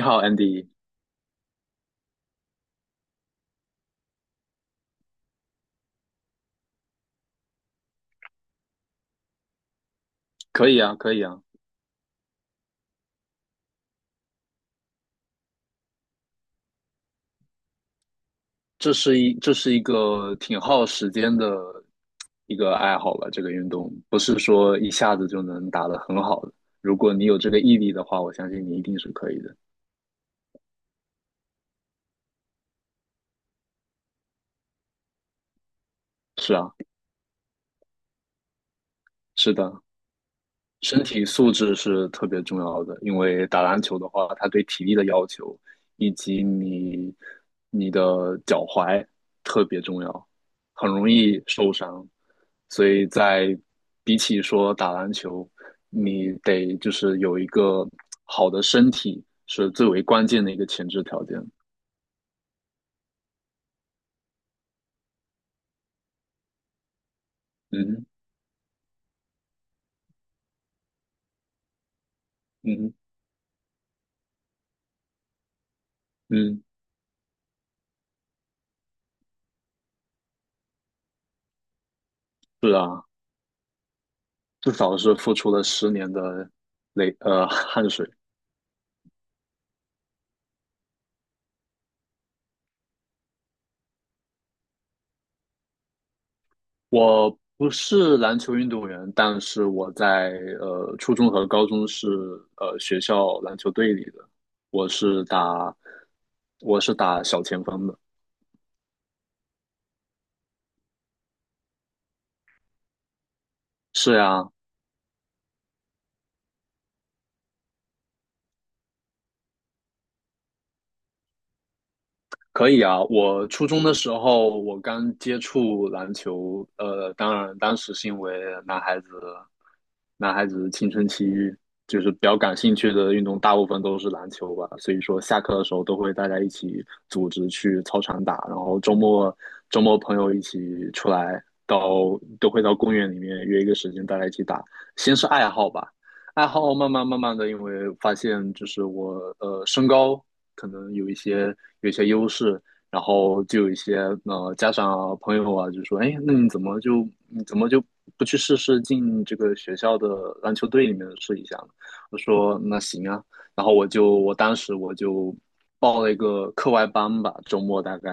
你好，Andy，可以啊，可以啊，这是一个挺耗时间的一个爱好吧，这个运动不是说一下子就能打得很好的。如果你有这个毅力的话，我相信你一定是可以的。是啊，是的，身体素质是特别重要的，因为打篮球的话，它对体力的要求以及你的脚踝特别重要，很容易受伤。所以比起说打篮球，你得就是有一个好的身体是最为关键的一个前置条件。嗯嗯嗯，是啊，至少是付出了10年的汗水。我不是篮球运动员，但是我在初中和高中是学校篮球队里的，我是打我是打小前锋的。是呀，可以啊，我初中的时候我刚接触篮球，当然当时是因为男孩子，男孩子青春期就是比较感兴趣的运动，大部分都是篮球吧，所以说下课的时候都会大家一起组织去操场打，然后周末朋友一起出来到都会到公园里面约一个时间大家一起打，先是爱好吧。爱好慢慢的，因为发现就是我身高可能有一些优势，然后就有一些家长啊、朋友啊，就说，哎，那你怎么就不去试试进这个学校的篮球队里面试一下呢？我说那行啊，然后我当时我就报了一个课外班吧，周末大概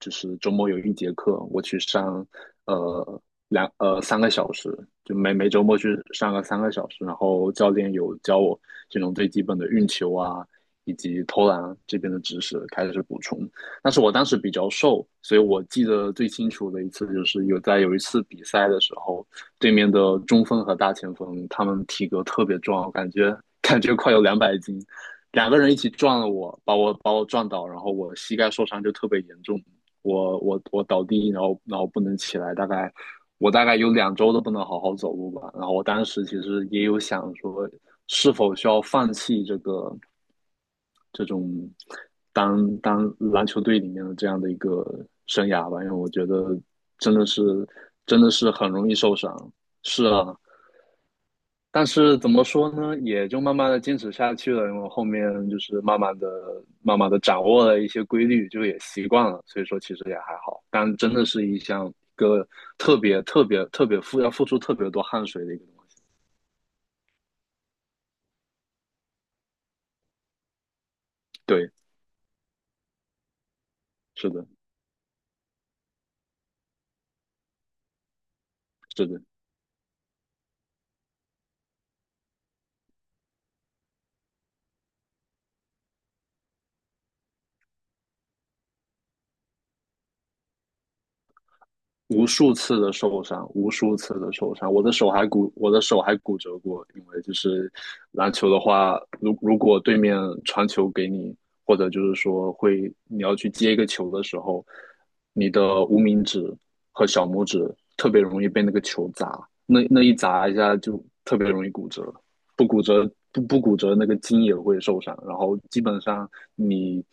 就是周末有一节课，我去上呃两呃三个小时，就每周末去上个三个小时，然后教练有教我这种最基本的运球啊，以及投篮这边的知识开始补充。但是我当时比较瘦，所以我记得最清楚的一次就是有一次比赛的时候，对面的中锋和大前锋他们体格特别壮，我感觉快有200斤，两个人一起撞了我，把我撞倒，然后我膝盖受伤就特别严重，我倒地，然后不能起来，大概。我大概有2周都不能好好走路吧，然后我当时其实也有想说，是否需要放弃这种当当篮球队里面的这样的一个生涯吧，因为我觉得真的是真的是很容易受伤。是啊，但是怎么说呢，也就慢慢的坚持下去了，因为后面就是慢慢的掌握了一些规律，就也习惯了，所以说其实也还好。但真的是一个特别特别特别要付出特别多汗水的一个东西。对，是的，是的。无数次的受伤，无数次的受伤，我的手还骨折过。因为就是篮球的话，如果对面传球给你，或者就是说你要去接一个球的时候，你的无名指和小拇指特别容易被那个球砸，那一砸一下就特别容易骨折，不骨折，那个筋也会受伤，然后基本上你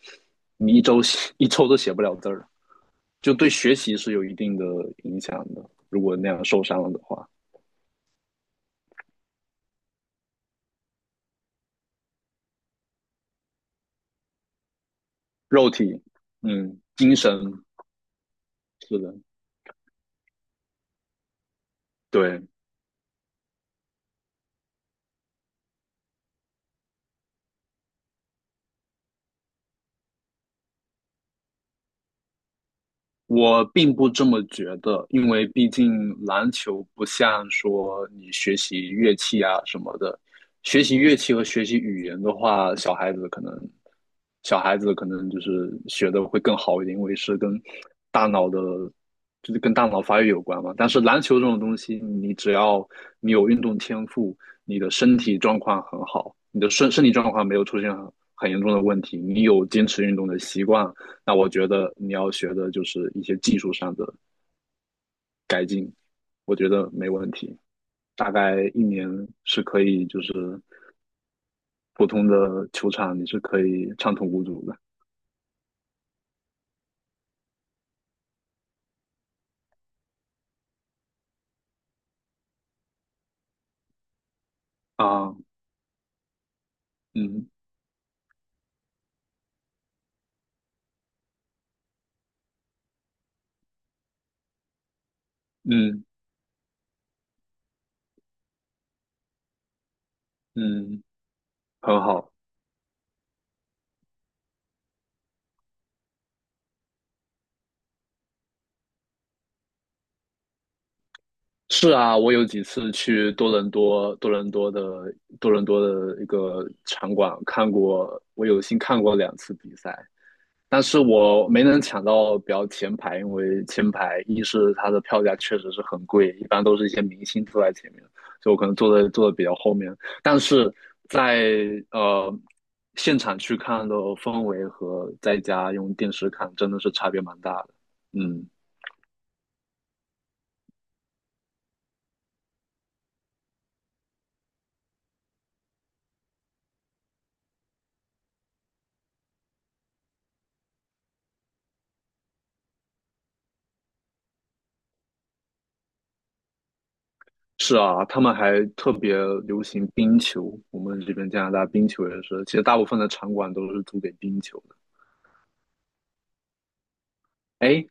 你一周都写不了字儿。就对学习是有一定的影响的。如果那样受伤了的话，肉体，嗯，精神，是的，对。我并不这么觉得，因为毕竟篮球不像说你学习乐器啊什么的，学习乐器和学习语言的话，小孩子可能就是学的会更好一点，因为是跟大脑的，就是跟大脑发育有关嘛。但是篮球这种东西，你只要你有运动天赋，你的身体状况很好，你的身体状况没有出现很严重的问题，你有坚持运动的习惯，那我觉得你要学的就是一些技术上的改进，我觉得没问题。大概1年是可以，就是普通的球场你是可以畅通无阻的啊。嗯嗯嗯，很好。是啊，我有几次去多伦多，多伦多的一个场馆看过，我有幸看过2次比赛。但是我没能抢到比较前排，因为前排一是它的票价确实是很贵，一般都是一些明星坐在前面，就我可能坐的比较后面。但是在呃现场去看的氛围和在家用电视看真的是差别蛮大的。嗯，是啊，他们还特别流行冰球，我们这边加拿大冰球也是，其实大部分的场馆都是租给冰球的。哎，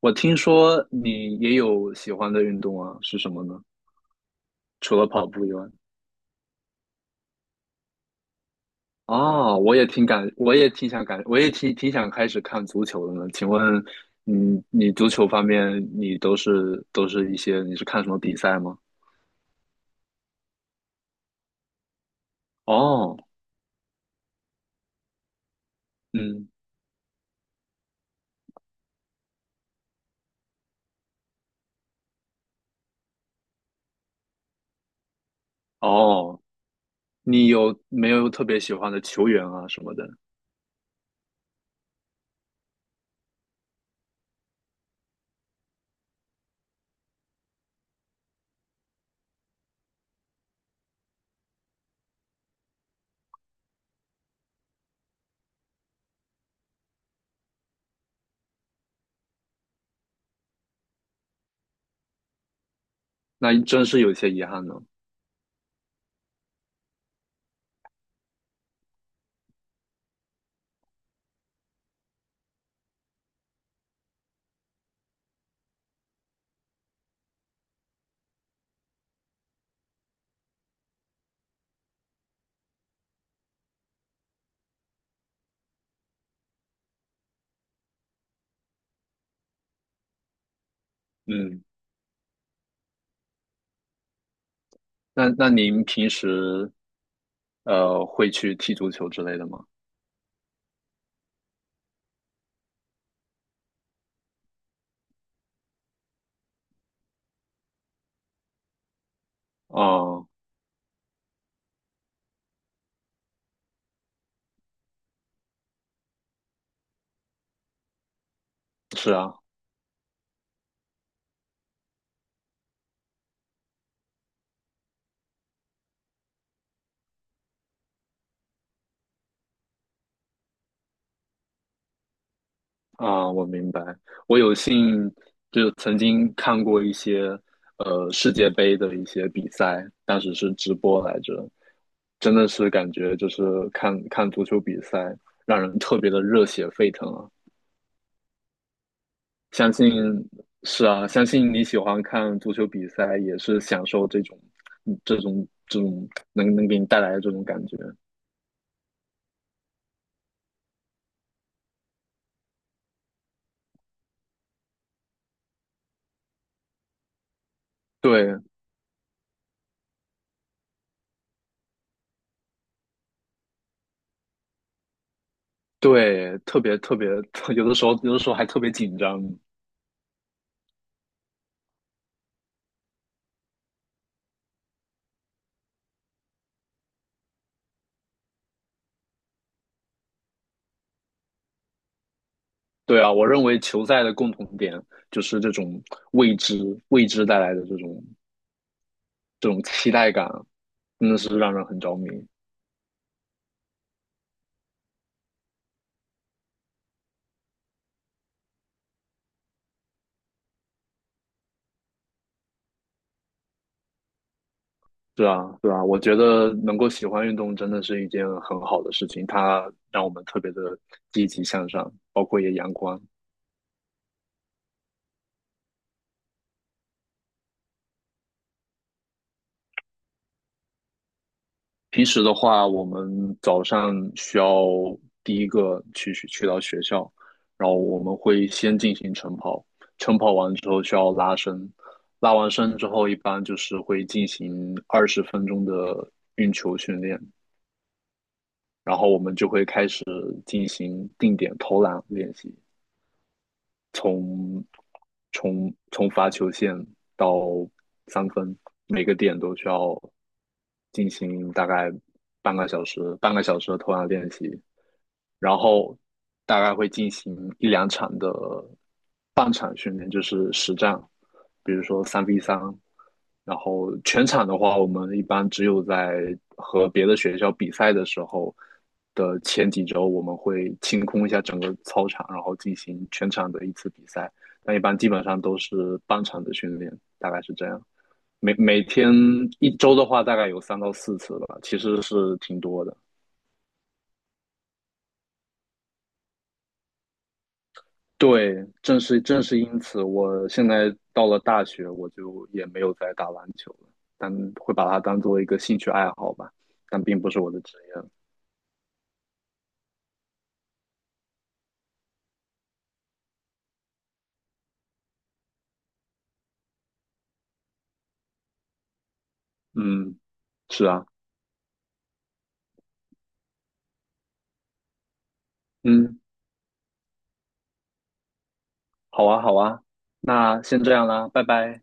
我听说你也有喜欢的运动啊，是什么呢？除了跑步以外，哦，我也挺感，我也挺想感，我也挺挺想开始看足球的呢。请问你足球方面，你都是都是一些，你是看什么比赛吗？哦，嗯，哦，你有没有特别喜欢的球员啊什么的？那真是有些遗憾呢。嗯，那您平时会去踢足球之类的吗？哦，是啊。啊，我明白。我有幸就曾经看过一些世界杯的一些比赛，当时是直播来着，真的是感觉就是看看足球比赛，让人特别的热血沸腾啊！相信是啊，相信你喜欢看足球比赛，也是享受这种嗯这种这种能给你带来的这种感觉。对对，特别特别，有的时候还特别紧张。对啊，我认为球赛的共同点就是这种未知、未知带来的这种期待感，真的是让人很着迷。是啊，对啊，我觉得能够喜欢运动真的是一件很好的事情，它让我们特别的积极向上，包括也阳光。平时的话，我们早上需要第一个去到学校，然后我们会先进行晨跑，晨跑完之后需要拉伸，拉完伸之后一般就是会进行20分钟的，然后我们就会开始进行定点投篮练习，从从罚球线到三分，每个点都需要进行大概半个小时的投篮练习，然后大概会进行一两场的半场训练，就是实战，比如说3v3。然后全场的话，我们一般只有在和别的学校比赛的时候的前几周，我们会清空一下整个操场，然后进行全场的一次比赛。但一般基本上都是半场的训练，大概是这样。每每天一周的话，大概有3到4次吧，其实是挺多的。对，正是因此，我现在到了大学，我就也没有再打篮球了，但会把它当做一个兴趣爱好吧，但并不是我的职业。嗯，是啊，嗯，好啊，好啊，那先这样啦，拜拜。